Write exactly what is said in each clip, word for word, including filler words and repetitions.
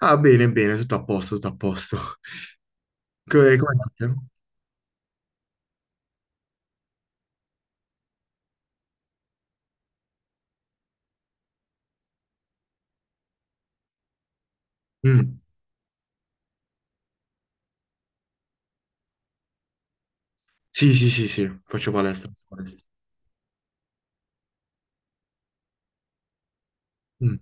Ah, bene, bene, tutto a posto, tutto a posto. Co- Come, andate? Mm. Sì, sì, sì, sì, faccio palestra, faccio palestra. Mm.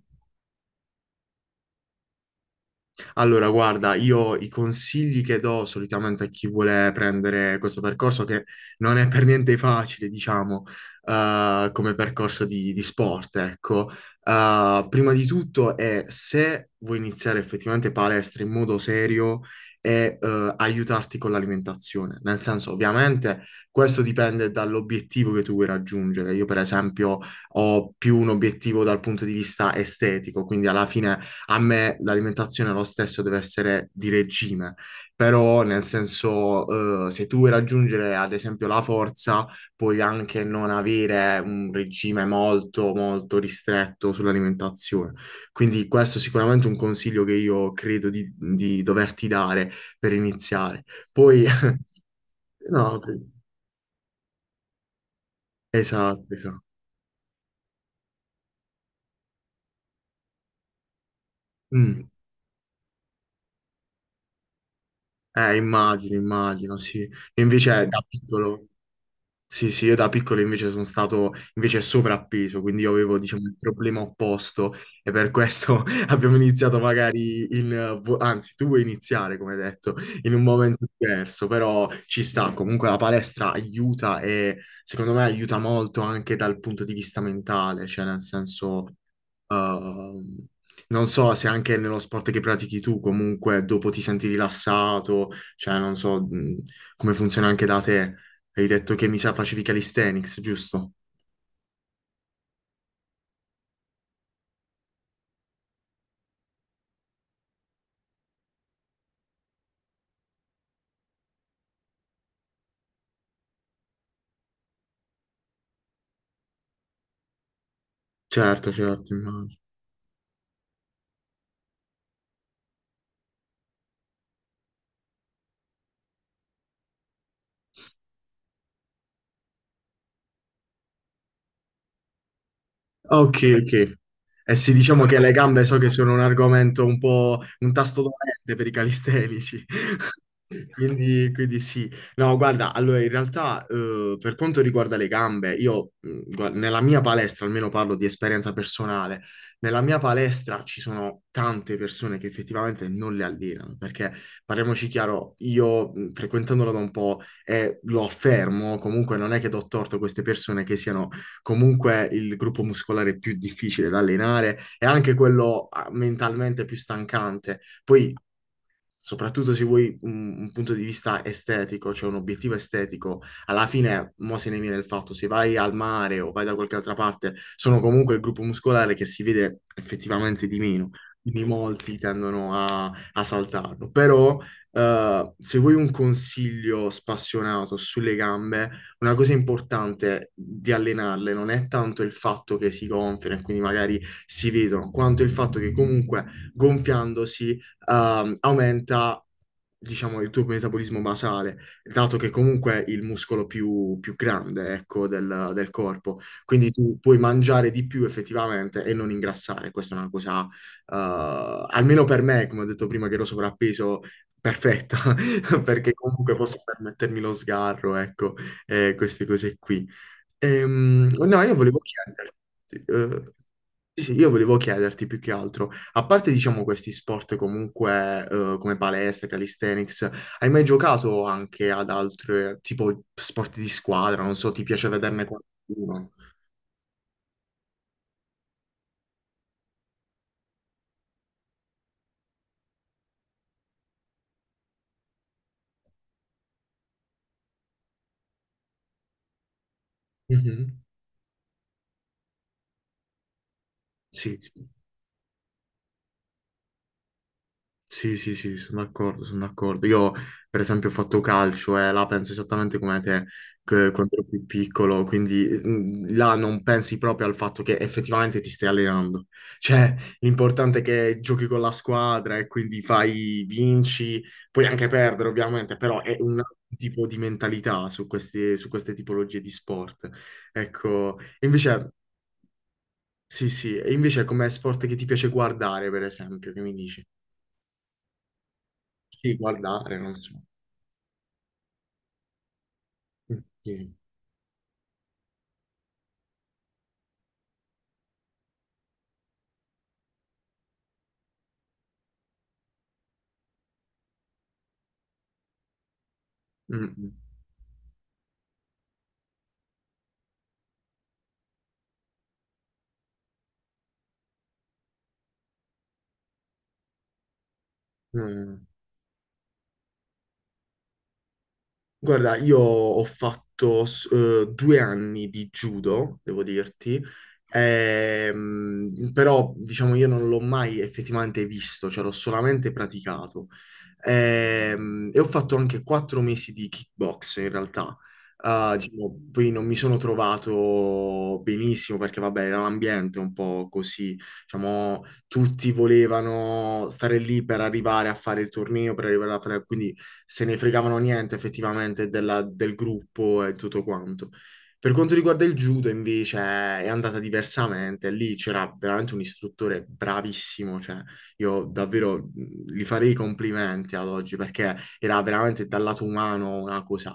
Allora, guarda, io i consigli che do solitamente a chi vuole prendere questo percorso, che non è per niente facile, diciamo, eh, come percorso di, di sport, ecco. Eh, prima di tutto è se vuoi iniziare effettivamente palestra in modo serio e eh, aiutarti con l'alimentazione. Nel senso, ovviamente, questo dipende dall'obiettivo che tu vuoi raggiungere. Io, per esempio, ho più un obiettivo dal punto di vista estetico, quindi alla fine a me l'alimentazione lo stesso deve essere di regime, però nel senso, eh, se tu vuoi raggiungere ad esempio la forza, puoi anche non avere un regime molto, molto ristretto sull'alimentazione. Quindi questo è sicuramente un consiglio che io credo di, di doverti dare per iniziare. Poi, no, esatto, esatto. Mm. Eh, immagino, immagino, sì. Invece da piccolo... Sì, sì, io da piccolo invece sono stato invece sovrappeso, quindi io avevo, diciamo, il problema opposto e per questo abbiamo iniziato magari in... eh, vo- anzi, tu vuoi iniziare, come detto, in un momento diverso, però ci sta, comunque la palestra aiuta e secondo me aiuta molto anche dal punto di vista mentale, cioè nel senso... Ehm, Non so se anche nello sport che pratichi tu, comunque dopo ti senti rilassato, cioè non so mh, come funziona anche da te, hai detto che mi sa facevi calisthenics, giusto? Certo, certo, immagino. Ok, ok. Eh sì, diciamo che le gambe so che sono un argomento un po' un tasto dolente per i calistenici. Quindi, quindi sì. No, guarda, allora in realtà eh, per quanto riguarda le gambe, io mh, guarda, nella mia palestra, almeno parlo di esperienza personale, nella mia palestra ci sono tante persone che effettivamente non le allenano, perché parliamoci chiaro, io mh, frequentandola da un po' e lo affermo, comunque non è che do torto a queste persone che siano comunque il gruppo muscolare più difficile da allenare e anche quello ah, mentalmente più stancante. Poi Soprattutto se vuoi un, un punto di vista estetico, cioè un obiettivo estetico, alla fine, mo se ne viene il fatto, se vai al mare o vai da qualche altra parte, sono comunque il gruppo muscolare che si vede effettivamente di meno, quindi molti tendono a, a saltarlo. Però, eh, se vuoi un consiglio spassionato sulle gambe, una cosa importante di allenarle non è tanto il fatto che si gonfiano e quindi magari si vedono, quanto il fatto che comunque gonfiandosi ehm, aumenta, diciamo, il tuo metabolismo basale, dato che comunque è il muscolo più, più grande, ecco, del, del corpo. Quindi tu puoi mangiare di più effettivamente e non ingrassare. Questa è una cosa, eh, almeno per me, come ho detto prima, che ero sovrappeso, perfetta, perché comunque posso permettermi lo sgarro, ecco, e queste cose qui. Ehm, no, io volevo chiederti, eh, sì, sì, io volevo chiederti più che altro, a parte diciamo questi sport comunque eh, come palestra, calisthenics, hai mai giocato anche ad altre tipo sport di squadra? Non so, ti piace vederne qualcuno? Mhm. Sì, sì. Sì, sì, sì, sono d'accordo, sono d'accordo. Io, per esempio, ho fatto calcio e là penso esattamente come te che quando ero più piccolo, quindi mm, là non pensi proprio al fatto che effettivamente ti stai allenando. Cioè, l'importante è che giochi con la squadra e quindi fai, vinci, puoi anche perdere, ovviamente, però è un altro tipo di mentalità su queste, su queste tipologie di sport. Ecco. E invece, sì, sì, e invece come sport che ti piace guardare, per esempio, che mi dici? Sì, guardare, non so. うん、うん、うん。うん Guarda, io ho fatto s- eh, due anni di judo, devo dirti, ehm, però diciamo io non l'ho mai effettivamente visto, cioè l'ho solamente praticato. Ehm, e ho fatto anche quattro mesi di kickbox in realtà. Ah, diciamo, poi non mi sono trovato benissimo perché vabbè era un ambiente un po' così, diciamo tutti volevano stare lì per arrivare a fare il torneo, per arrivare a fare... quindi se ne fregavano niente effettivamente della- del gruppo e tutto quanto. Per quanto riguarda il judo, invece, è andata diversamente. Lì c'era veramente un istruttore bravissimo, cioè io davvero mh, gli farei i complimenti ad oggi perché era veramente dal lato umano una cosa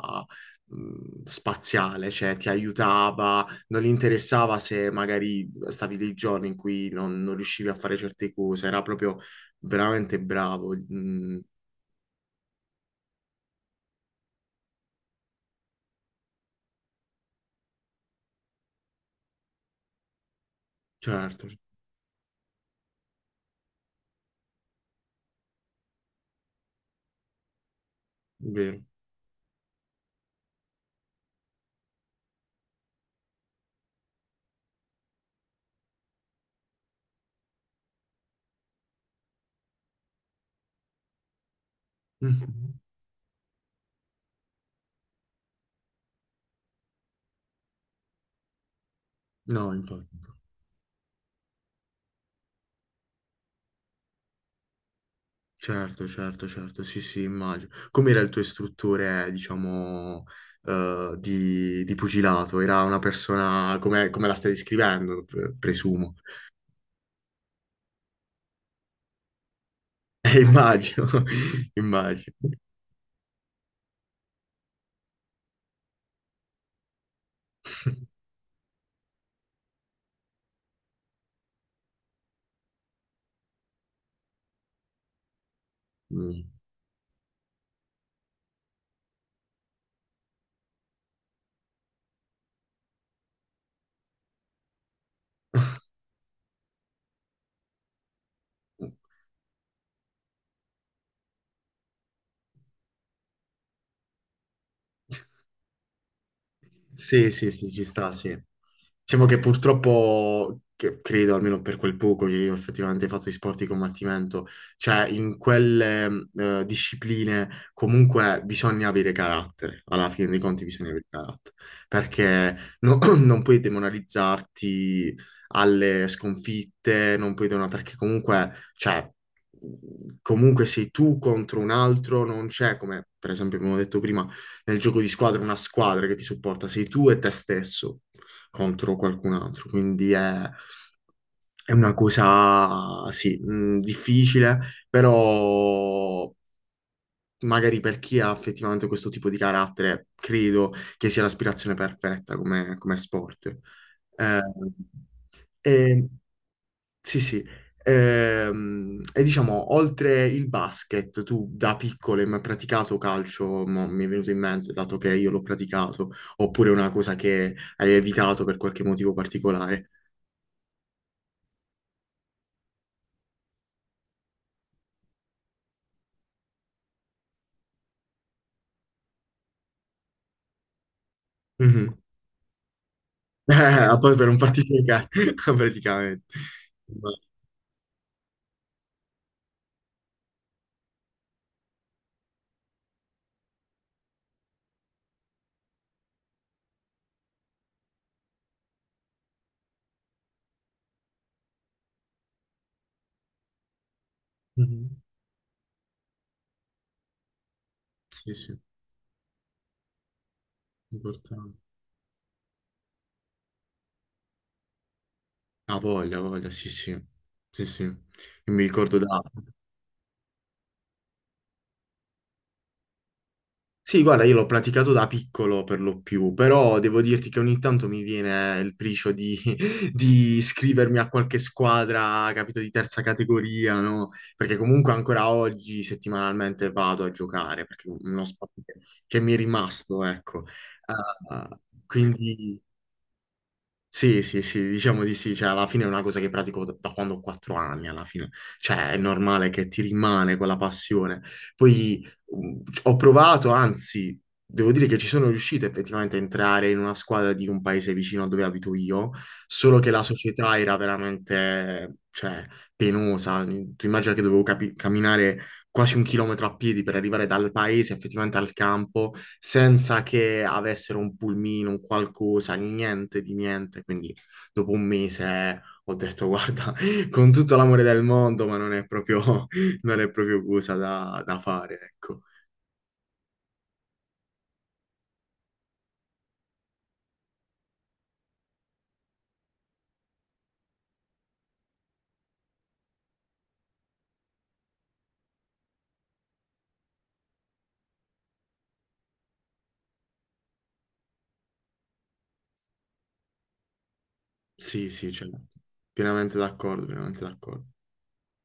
mh, spaziale, cioè ti aiutava, non gli interessava se magari stavi dei giorni in cui non, non riuscivi a fare certe cose, era proprio veramente bravo. Mh, certo. Vero. Mhm. No, infatti. Certo, certo, certo, sì, sì, immagino. Com'era il tuo istruttore, diciamo, eh, di, di pugilato? Era una persona come, come la stai descrivendo, pre- presumo. Eh, immagino, immagino. Mm. Sì, sì, sì, ci sta, sì. Diciamo che purtroppo, che credo almeno per quel poco che io effettivamente faccio i sport di combattimento, cioè in quelle eh, discipline comunque bisogna avere carattere, alla fine dei conti bisogna avere carattere, perché no- non puoi demoralizzarti alle sconfitte, non puoi demoralizzarti, perché comunque, cioè, comunque sei tu contro un altro, non c'è, come per esempio abbiamo detto prima, nel gioco di squadra è una squadra che ti supporta, sei tu e te stesso contro qualcun altro, quindi è, è una cosa, sì, mh, difficile, però magari per chi ha effettivamente questo tipo di carattere, credo che sia l'aspirazione perfetta come, come sport. Eh, e sì, sì. Ehm, e diciamo, oltre il basket, tu da piccolo hai mai praticato calcio? Mo mi è venuto in mente, dato che io l'ho praticato, oppure una cosa che hai evitato per qualche motivo particolare? Mhm. Eh, a poi per non farti giocare, praticamente. Ma- Mhm. Sì, sì, importante. Ah, voglia, voglia, sì, sì. Sì, sì. Io mi ricordo da... Sì, guarda, io l'ho praticato da piccolo per lo più, però devo dirti che ogni tanto mi viene il pricio di, di iscrivermi a qualche squadra, capito, di terza categoria, no? Perché comunque ancora oggi settimanalmente vado a giocare, perché è uno sport che che mi è rimasto, ecco. Eh, quindi... Sì, sì, sì, diciamo di sì, cioè alla fine è una cosa che pratico da, da quando ho quattro anni, alla fine, cioè è normale che ti rimane quella passione. Poi um, ho provato, anzi, devo dire che ci sono riuscito effettivamente a entrare in una squadra di un paese vicino a dove abito io, solo che la società era veramente, cioè, penosa. Tu immagina che dovevo capi- camminare quasi un chilometro a piedi per arrivare dal paese effettivamente al campo, senza che avessero un pulmino, un qualcosa, niente di niente. Quindi dopo un mese ho detto, guarda, con tutto l'amore del mondo, ma non è proprio, non è proprio cosa da, da fare, ecco. Sì, sì, certo. Pienamente d'accordo, pienamente d'accordo.